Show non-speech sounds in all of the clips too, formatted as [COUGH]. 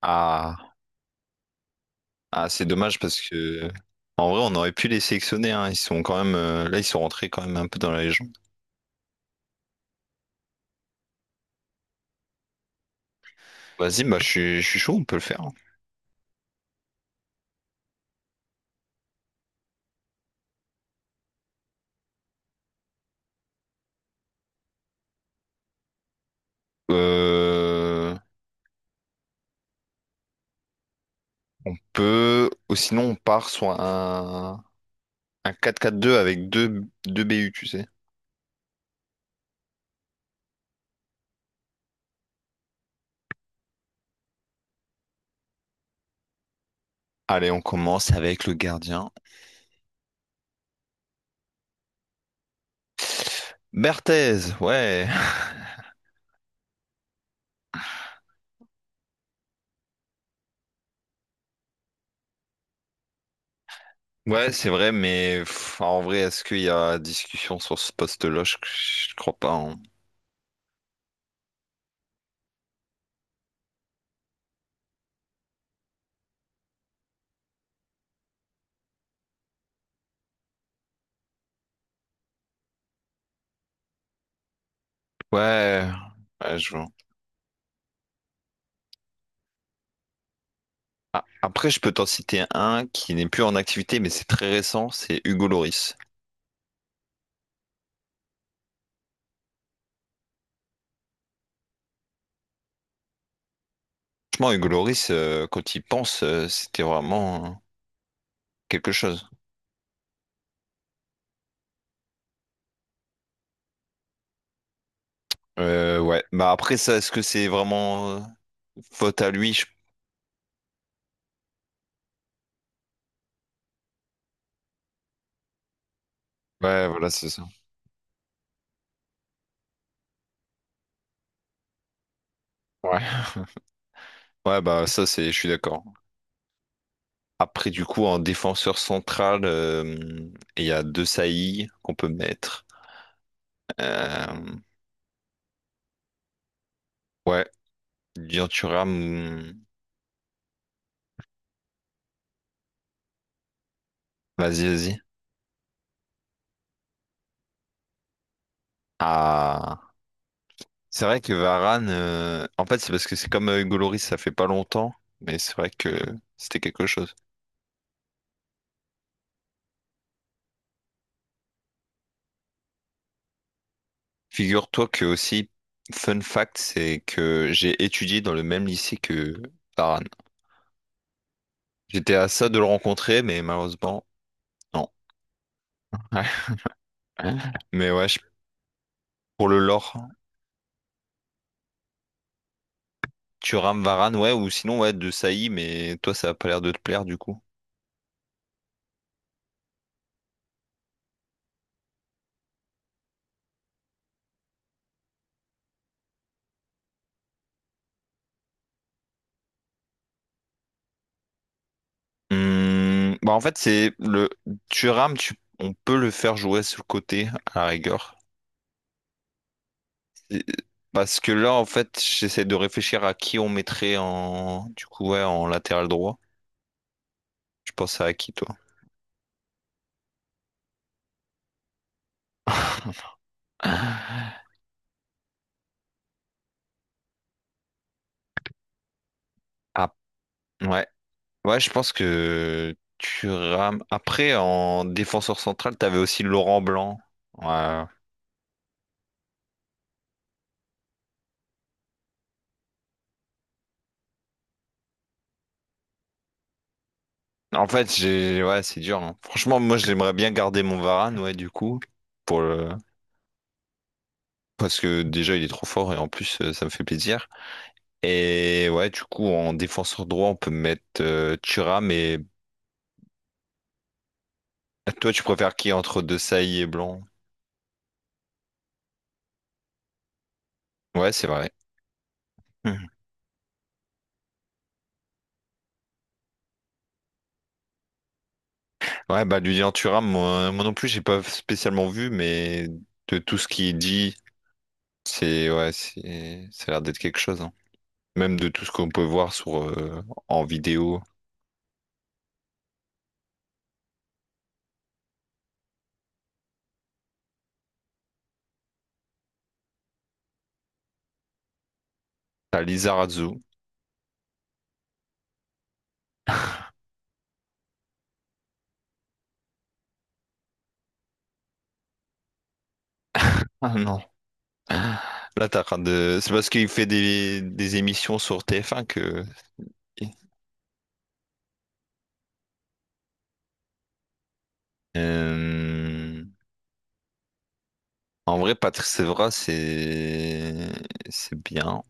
Ah, ah, c'est dommage parce que en vrai on aurait pu les sélectionner hein. Ils sont quand même là ils sont rentrés quand même un peu dans la légende. Vas-y, bah je suis chaud, on peut le faire, hein. Euh, on peut ou sinon on part sur un quatre quatre deux avec deux deux BU, tu sais. Allez, on commence avec le gardien. Berthez, ouais. Ouais, c'est vrai, mais pff, en vrai, est-ce qu'il y a discussion sur ce poste-là? Je crois pas, hein. Ouais, ouais, je vois. Ah, après, je peux t'en citer un qui n'est plus en activité, mais c'est très récent, c'est Hugo Loris. Franchement, Hugo Loris, quand il pense, c'était vraiment quelque chose. Ouais, bah après ça, est-ce que c'est vraiment faute à lui? Ouais, voilà, c'est ça. Ouais. Ouais, bah ça, c'est, je suis d'accord. Après, du coup, en défenseur central, il y a deux saillies qu'on peut mettre. Euh, ouais, Dur Thuram, vas-y, vas-y. Ah, c'est vrai que Varane, en fait, c'est parce que c'est comme Hugo Lloris, ça fait pas longtemps, mais c'est vrai que c'était quelque chose. Figure-toi que aussi, fun fact, c'est que j'ai étudié dans le même lycée que Varane. J'étais à ça de le rencontrer, mais malheureusement, non. [LAUGHS] Ouais. Mais ouais, pour le lore, Thuram, Varane, ouais, ou sinon, ouais, de Saï, mais toi, ça a pas l'air de te plaire, du coup. Bah en fait, c'est le Thuram, on peut le faire jouer sur le côté à la rigueur. Et- Parce que là, en fait, j'essaie de réfléchir à qui on mettrait en, du coup, ouais, en latéral droit. Je pense à qui, toi? [LAUGHS] Ah, ouais. Ouais, je pense que Thuram. Après, en défenseur central, t'avais aussi Laurent Blanc. Ouais. En fait, ouais, c'est dur, hein. Franchement, moi, j'aimerais bien garder mon Varane, ouais, du coup, pour le. Parce que déjà il est trop fort et en plus ça me fait plaisir. Et ouais, du coup en défenseur droit on peut mettre Thuram mais toi tu préfères qui entre Desailly et Blanc? Ouais, c'est vrai. Mhm. Ouais, bah Lilian Thuram, moi non plus j'ai pas spécialement vu, mais de tout ce qu'il dit, c'est ouais, c'est ça a l'air d'être quelque chose, hein. Même de tout ce qu'on peut voir sur en vidéo. T'as Lizarazu. Ah non. Là t'as rien de. C'est parce qu'il fait des émissions sur TF1 que. Euh, En vrai, Patrice Evra, c'est bien.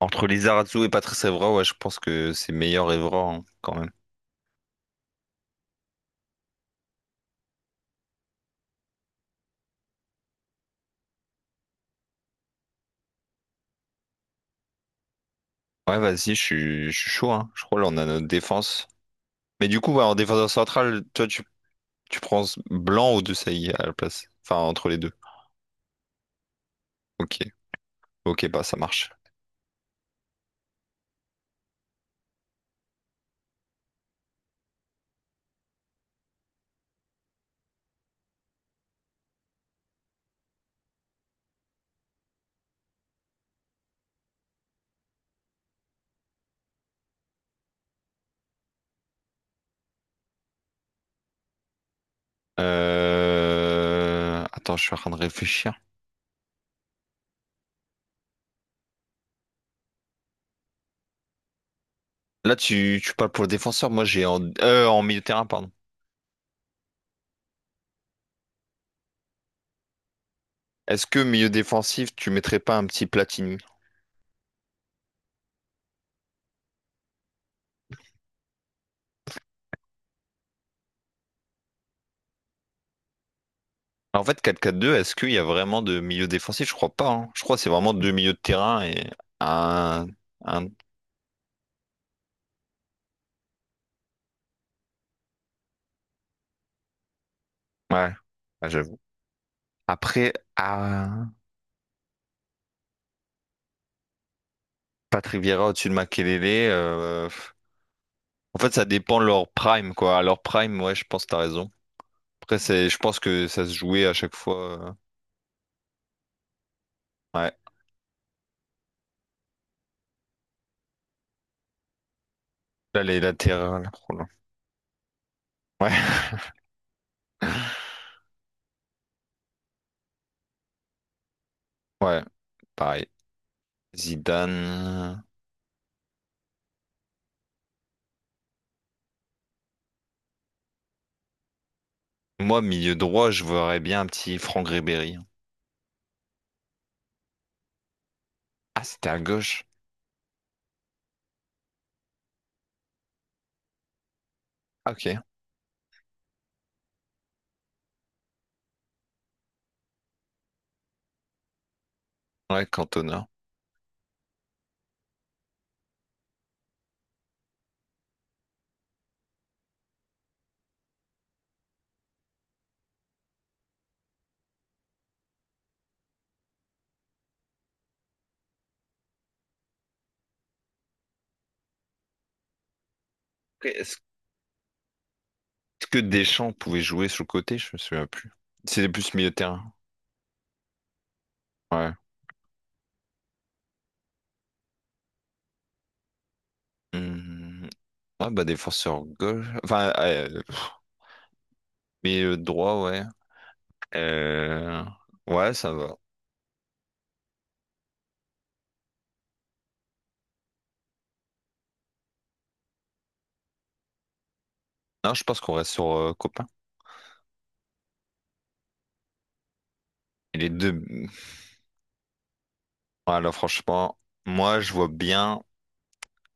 Entre Lizarazu et Patrice Evra, ouais, je pense que c'est meilleur Evra hein, quand même. Ouais, vas-y, je suis chaud, hein. Je crois là, on a notre défense. Mais du coup, ouais, en défenseur central, toi, tu prends Blanc ou Desailly à la place. Enfin, entre les deux. Ok, ok, bah ça marche. Attends, je suis en train de réfléchir. Là, tu parles pour le défenseur. Moi, j'ai en milieu de terrain, pardon. Est-ce que milieu défensif, tu mettrais pas un petit Platini? En fait, quatre quatre deux, est-ce qu'il y a vraiment de milieu défensif? Je crois pas, hein. Je crois que c'est vraiment deux milieux de terrain et un... un... Ouais, Ouais, j'avoue. Après, ah, Patrick Vieira au-dessus de Makelele. En fait, ça dépend de leur prime, quoi. À leur prime, ouais, je pense que t'as raison. Après, je pense que ça se jouait à chaque fois. euh, Ouais. Là, les latérales. Oh là. Ouais, [LAUGHS] ouais, pareil. Zidane. Moi, milieu droit, je verrais bien un petit Franck Ribéry. Ah, c'était à gauche. Ah, ok. Ouais, Cantona. Après, est-ce que Deschamps pouvait jouer sur le côté? Je me souviens plus. C'était plus milieu de terrain. Ouais. Hmm. Ah bah défenseur gauche. Enfin, milieu droit, ouais. Euh, Ouais, ça va. Non, je pense qu'on reste sur Copain. Et les deux. Voilà, franchement, moi je vois bien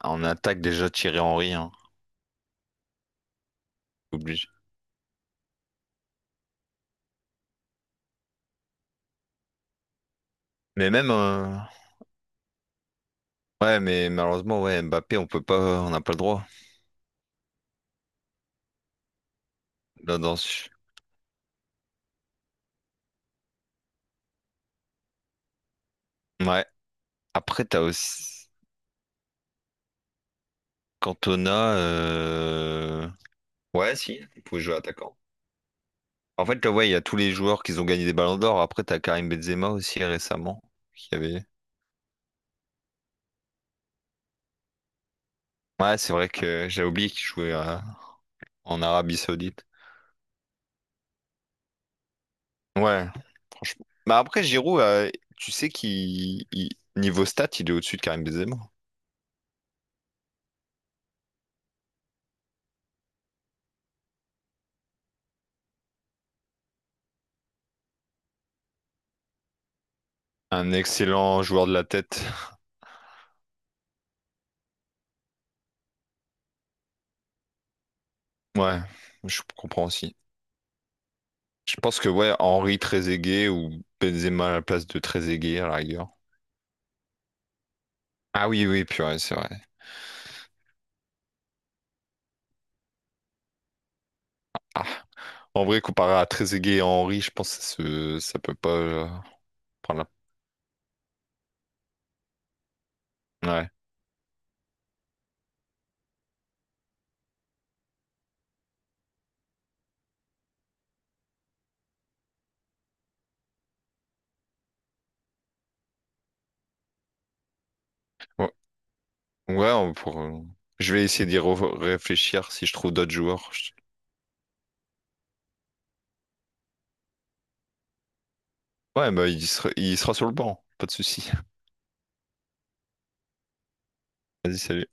en attaque déjà Thierry Henry, hein. Obligé. Mais même ouais, mais malheureusement, ouais, Mbappé, on peut pas, on n'a pas le droit. Là, dedans. Ouais. Après, t'as aussi. Cantona, ouais, si, il pouvait jouer attaquant. En fait, là, ouais, il y a tous les joueurs qui ont gagné des ballons d'or. Après, t'as Karim Benzema aussi récemment, qui avait. Ouais, c'est vrai que j'ai oublié qu'il jouait en Arabie Saoudite. Ouais, franchement. Bah après, Giroud, tu sais niveau stats, il est au-dessus de Karim Benzema. Un excellent joueur de la tête. Ouais, je comprends aussi. Je pense que ouais, Henri Trezeguet ou Benzema à la place de Trezeguet à la rigueur. Ah oui, oui, purée, c'est vrai. Ah, en vrai, comparé à Trezeguet et Henry, je pense que ça peut pas prendre la... Ouais, ouais, ouais, je vais essayer d'y réfléchir si je trouve d'autres joueurs. Ouais, bah il sera sur le banc, pas de souci. Vas-y, salut.